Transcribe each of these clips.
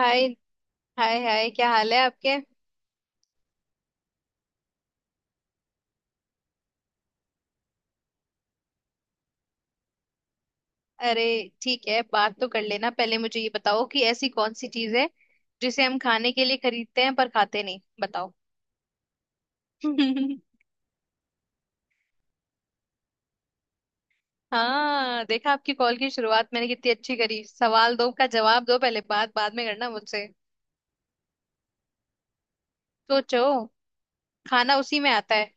हाय hi hi क्या हाल है आपके। अरे ठीक है, बात तो कर लेना, पहले मुझे ये बताओ कि ऐसी कौन सी चीज है जिसे हम खाने के लिए खरीदते हैं पर खाते नहीं, बताओ। हाँ देखा, आपकी कॉल की शुरुआत मैंने कितनी अच्छी करी। सवाल दो का जवाब दो, पहले बात बाद में करना मुझसे। सोचो, खाना उसी में आता है।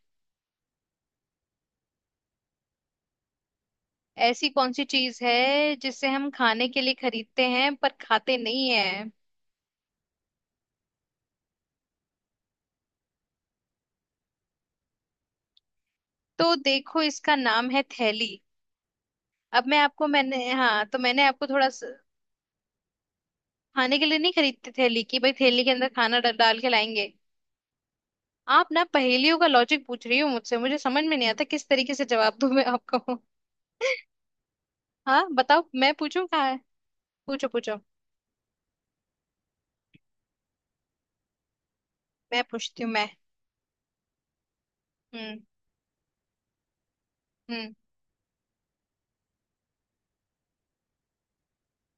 ऐसी कौन सी चीज है जिसे हम खाने के लिए खरीदते हैं पर खाते नहीं है। तो देखो, इसका नाम है थैली। अब मैं आपको, मैंने, हाँ तो मैंने आपको थोड़ा, खाने के लिए नहीं खरीदते थैली की भाई, थैली के अंदर खाना डाल के लाएंगे। आप ना पहेलियों का लॉजिक पूछ रही हो मुझसे, मुझे समझ में नहीं आता किस तरीके से जवाब दूं मैं आपको। हाँ बताओ, मैं पूछूं कहाँ है। पूछो पूछो। मैं पूछती हूँ मैं। हम्म। हम्म।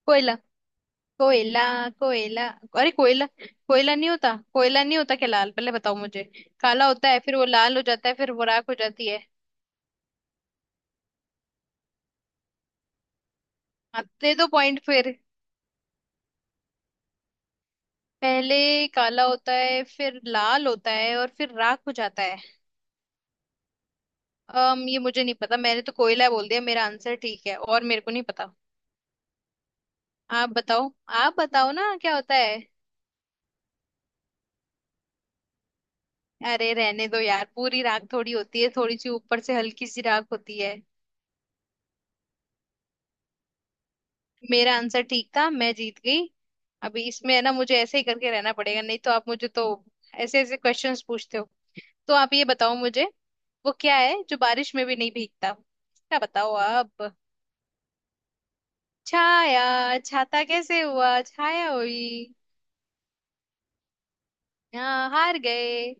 कोयला। कोयला। कोयला। अरे कोयला। कोयला नहीं होता, कोयला नहीं होता? क्या लाल पहले बताओ मुझे। काला होता है फिर वो लाल हो जाता है फिर वो राख हो जाती है। हाँ, दे दो पॉइंट फिर। पहले काला होता है फिर लाल होता है और फिर राख हो जाता है। अम ये मुझे नहीं पता, मैंने तो कोयला बोल दिया, मेरा आंसर ठीक है और मेरे को नहीं पता। आप बताओ। आप बताओ ना क्या होता है। अरे रहने दो यार, पूरी राख थोड़ी होती है, थोड़ी सी ऊपर से हल्की सी राख होती है। मेरा आंसर ठीक था, मैं जीत गई। अभी इसमें है ना, मुझे ऐसे ही करके रहना पड़ेगा, नहीं तो आप मुझे तो ऐसे ऐसे क्वेश्चंस पूछते हो। तो आप ये बताओ मुझे, वो क्या है जो बारिश में भी नहीं भीगता, क्या बताओ आप। छाया। छाता कैसे हुआ, छाया हुई। हाँ हार गए।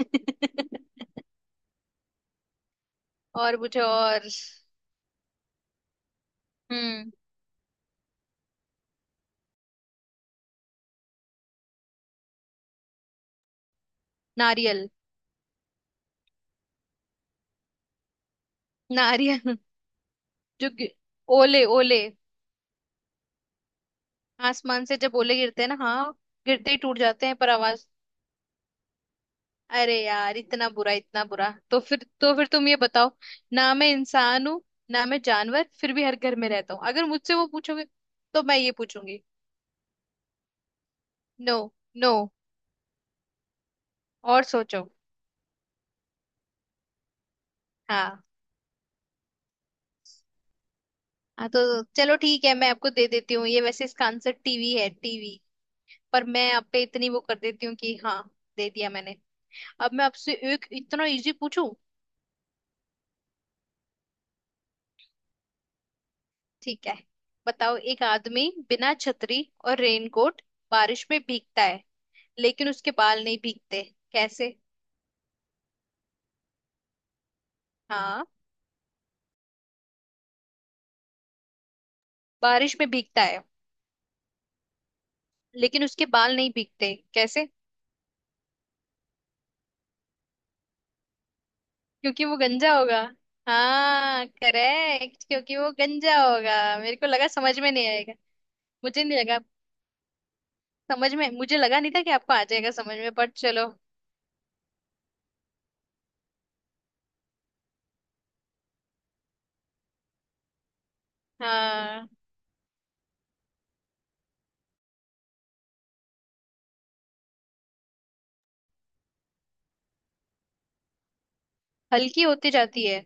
और मुझे और। हम्म। नारियल। नारियल। जो गि- ओले। ओले, आसमान से जब ओले गिरते हैं ना, हाँ, गिरते ही टूट जाते हैं पर आवाज। अरे यार इतना बुरा, इतना बुरा, तो फिर तुम ये बताओ, ना मैं इंसान हूँ ना मैं जानवर, फिर भी हर घर में रहता हूँ, अगर मुझसे वो पूछोगे तो मैं ये पूछूंगी। नो। नो। और सोचो। हाँ। हाँ तो चलो ठीक है, मैं आपको दे देती हूँ, ये वैसे इसका आंसर टीवी है, टीवी। पर मैं आप पे इतनी वो कर देती हूँ कि हाँ, दे दिया मैंने। अब मैं आपसे एक इतना इजी पूछूं। ठीक है, बताओ, एक आदमी बिना छतरी और रेनकोट बारिश में भीगता है, लेकिन उसके बाल नहीं भीगते, कैसे। हाँ, बारिश में भीगता है लेकिन उसके बाल नहीं भीगते, कैसे। क्योंकि वो गंजा होगा। हाँ करेक्ट, क्योंकि वो गंजा होगा, मेरे को लगा समझ में नहीं आएगा। मुझे नहीं लगा समझ में, मुझे लगा नहीं था कि आपको आ जाएगा समझ में, बट चलो। हाँ, हल्की होती जाती है,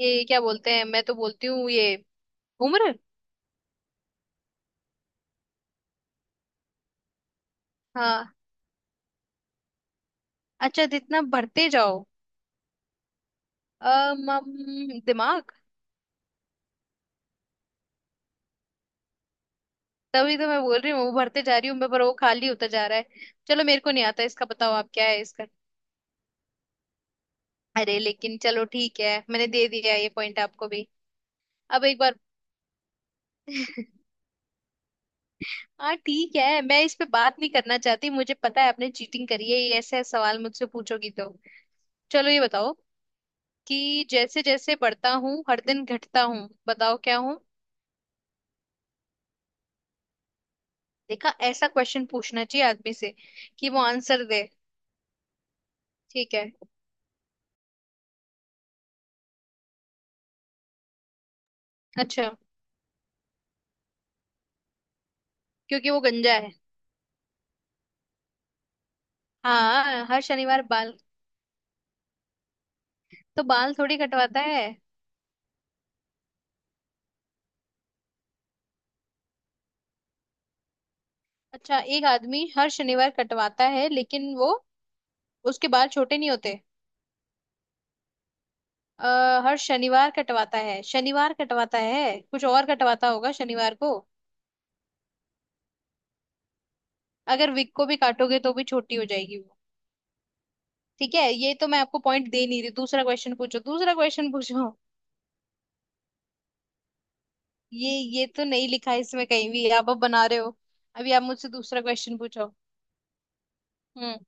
ये क्या बोलते हैं, मैं तो बोलती हूँ ये, उम्र। हाँ, अच्छा जितना भरते जाओ, दिमाग। तभी तो मैं बोल रही हूँ, वो भरते जा रही हूँ मैं पर वो खाली होता जा रहा है। चलो मेरे को नहीं आता इसका, बताओ आप क्या है इसका। अरे लेकिन चलो ठीक है, मैंने दे दिया ये पॉइंट आपको भी। अब एक बार। हाँ ठीक है, मैं इस पे बात नहीं करना चाहती, मुझे पता है आपने चीटिंग करी है, ये ऐसे सवाल मुझसे पूछोगी तो। चलो ये बताओ, कि जैसे जैसे बढ़ता हूँ हर दिन घटता हूँ, बताओ क्या हूँ। देखा, ऐसा क्वेश्चन पूछना चाहिए आदमी से कि वो आंसर दे। ठीक है। अच्छा, क्योंकि वो गंजा है। हाँ, हर शनिवार बाल, तो बाल थोड़ी कटवाता है। अच्छा, एक आदमी हर शनिवार कटवाता है लेकिन वो, उसके बाल छोटे नहीं होते। हर शनिवार कटवाता है, शनिवार कटवाता है, कुछ और कटवाता होगा शनिवार को। अगर विक को भी काटोगे तो भी छोटी हो जाएगी वो। ठीक है, ये तो मैं आपको पॉइंट दे नहीं रही, दूसरा क्वेश्चन पूछो, दूसरा क्वेश्चन पूछो। ये तो नहीं लिखा है इसमें कहीं भी, आप अब बना रहे हो। अभी आप मुझसे दूसरा क्वेश्चन पूछो। हम्म।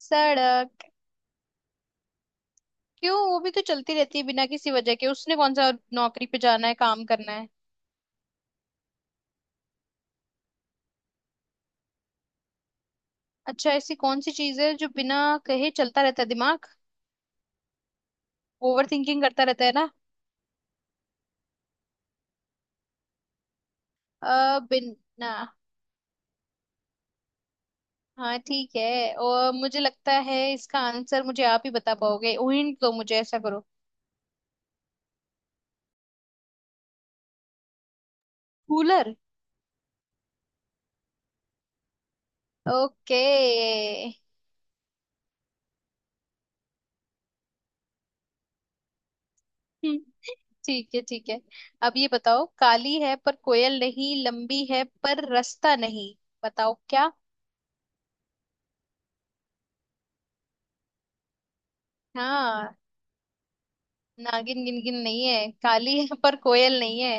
सड़क। क्यों, वो भी तो चलती रहती है बिना किसी वजह के, उसने कौन सा नौकरी पे जाना है, काम करना है। अच्छा, ऐसी कौन सी चीज है जो बिना कहे चलता रहता है, दिमाग, ओवर थिंकिंग करता रहता है ना। बिना। हाँ ठीक है, और मुझे लगता है इसका आंसर मुझे आप ही बता पाओगे, हिंट दो मुझे, ऐसा करो। कूलर। ओके। ठीक है, ठीक है। अब ये बताओ, काली है पर कोयल नहीं, लंबी है पर रास्ता नहीं, बताओ क्या। हाँ, नागिन गिनगिन नहीं है, काली है पर कोयल नहीं है।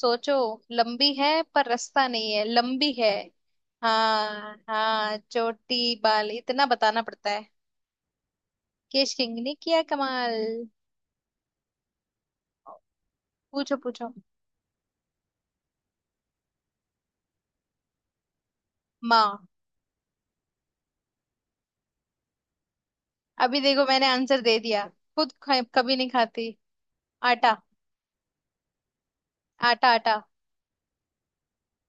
सोचो, लंबी है पर रास्ता नहीं है, लंबी है। हाँ हाँ, चोटी, बाल, इतना बताना पड़ता है। केश किंग ने किया कमाल। पूछो पूछो। माँ। अभी देखो मैंने आंसर दे दिया। कभी नहीं खाती। आटा। आटा, आटा।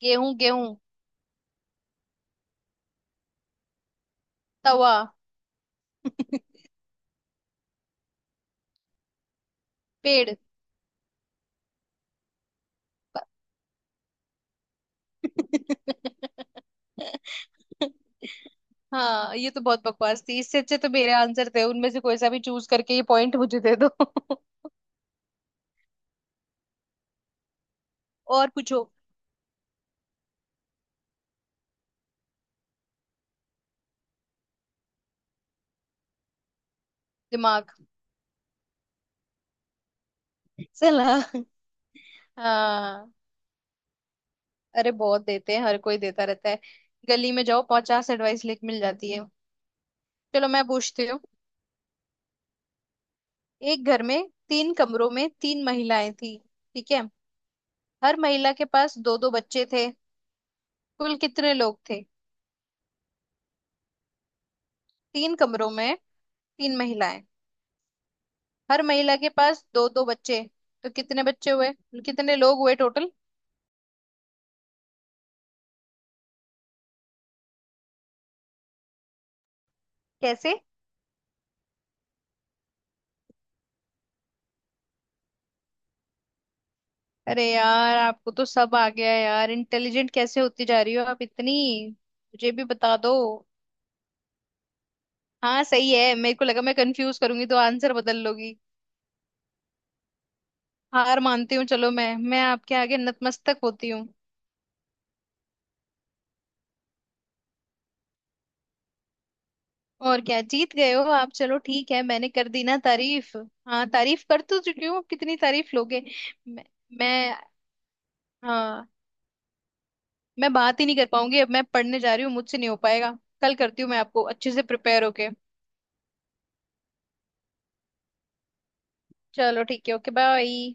गेहूं, गेहूं। तवा। पेड़। हाँ, ये तो बहुत बकवास थी, इससे अच्छे तो मेरे आंसर थे, उनमें से कोई सा भी चूज करके ये पॉइंट मुझे दे दो। और पूछो। दिमाग। चला। हाँ। अरे बहुत देते हैं, हर कोई देता रहता है। गली में जाओ, 50 एडवाइस लिख मिल जाती है। चलो मैं पूछती हूँ, एक घर में 3 कमरों में 3 महिलाएं थी, ठीक है। हर महिला के पास दो दो बच्चे थे। कुल कितने लोग थे। तीन कमरों में, तीन महिलाएं, हर महिला के पास दो दो बच्चे, तो कितने बच्चे हुए, कितने लोग हुए टोटल। कैसे। अरे यार, आपको तो सब आ गया यार, इंटेलिजेंट कैसे होती जा रही हो आप इतनी, मुझे भी बता दो। हाँ सही है, मेरे को लगा मैं कंफ्यूज करूंगी तो आंसर बदल लोगी। हार मानती हूँ, चलो मैं आपके आगे नतमस्तक होती हूँ। और क्या, जीत गए हो आप, चलो ठीक है, मैंने कर दी ना तारीफ। हाँ, तारीफ कर तो चुकी हूँ, अब कितनी तारीफ लोगे। मैं, मैं। हाँ। मैं बात ही नहीं कर पाऊंगी, अब मैं पढ़ने जा रही हूँ, मुझसे नहीं हो पाएगा। कल करती हूँ मैं आपको अच्छे से प्रिपेयर होके। चलो ठीक है, ओके बाय।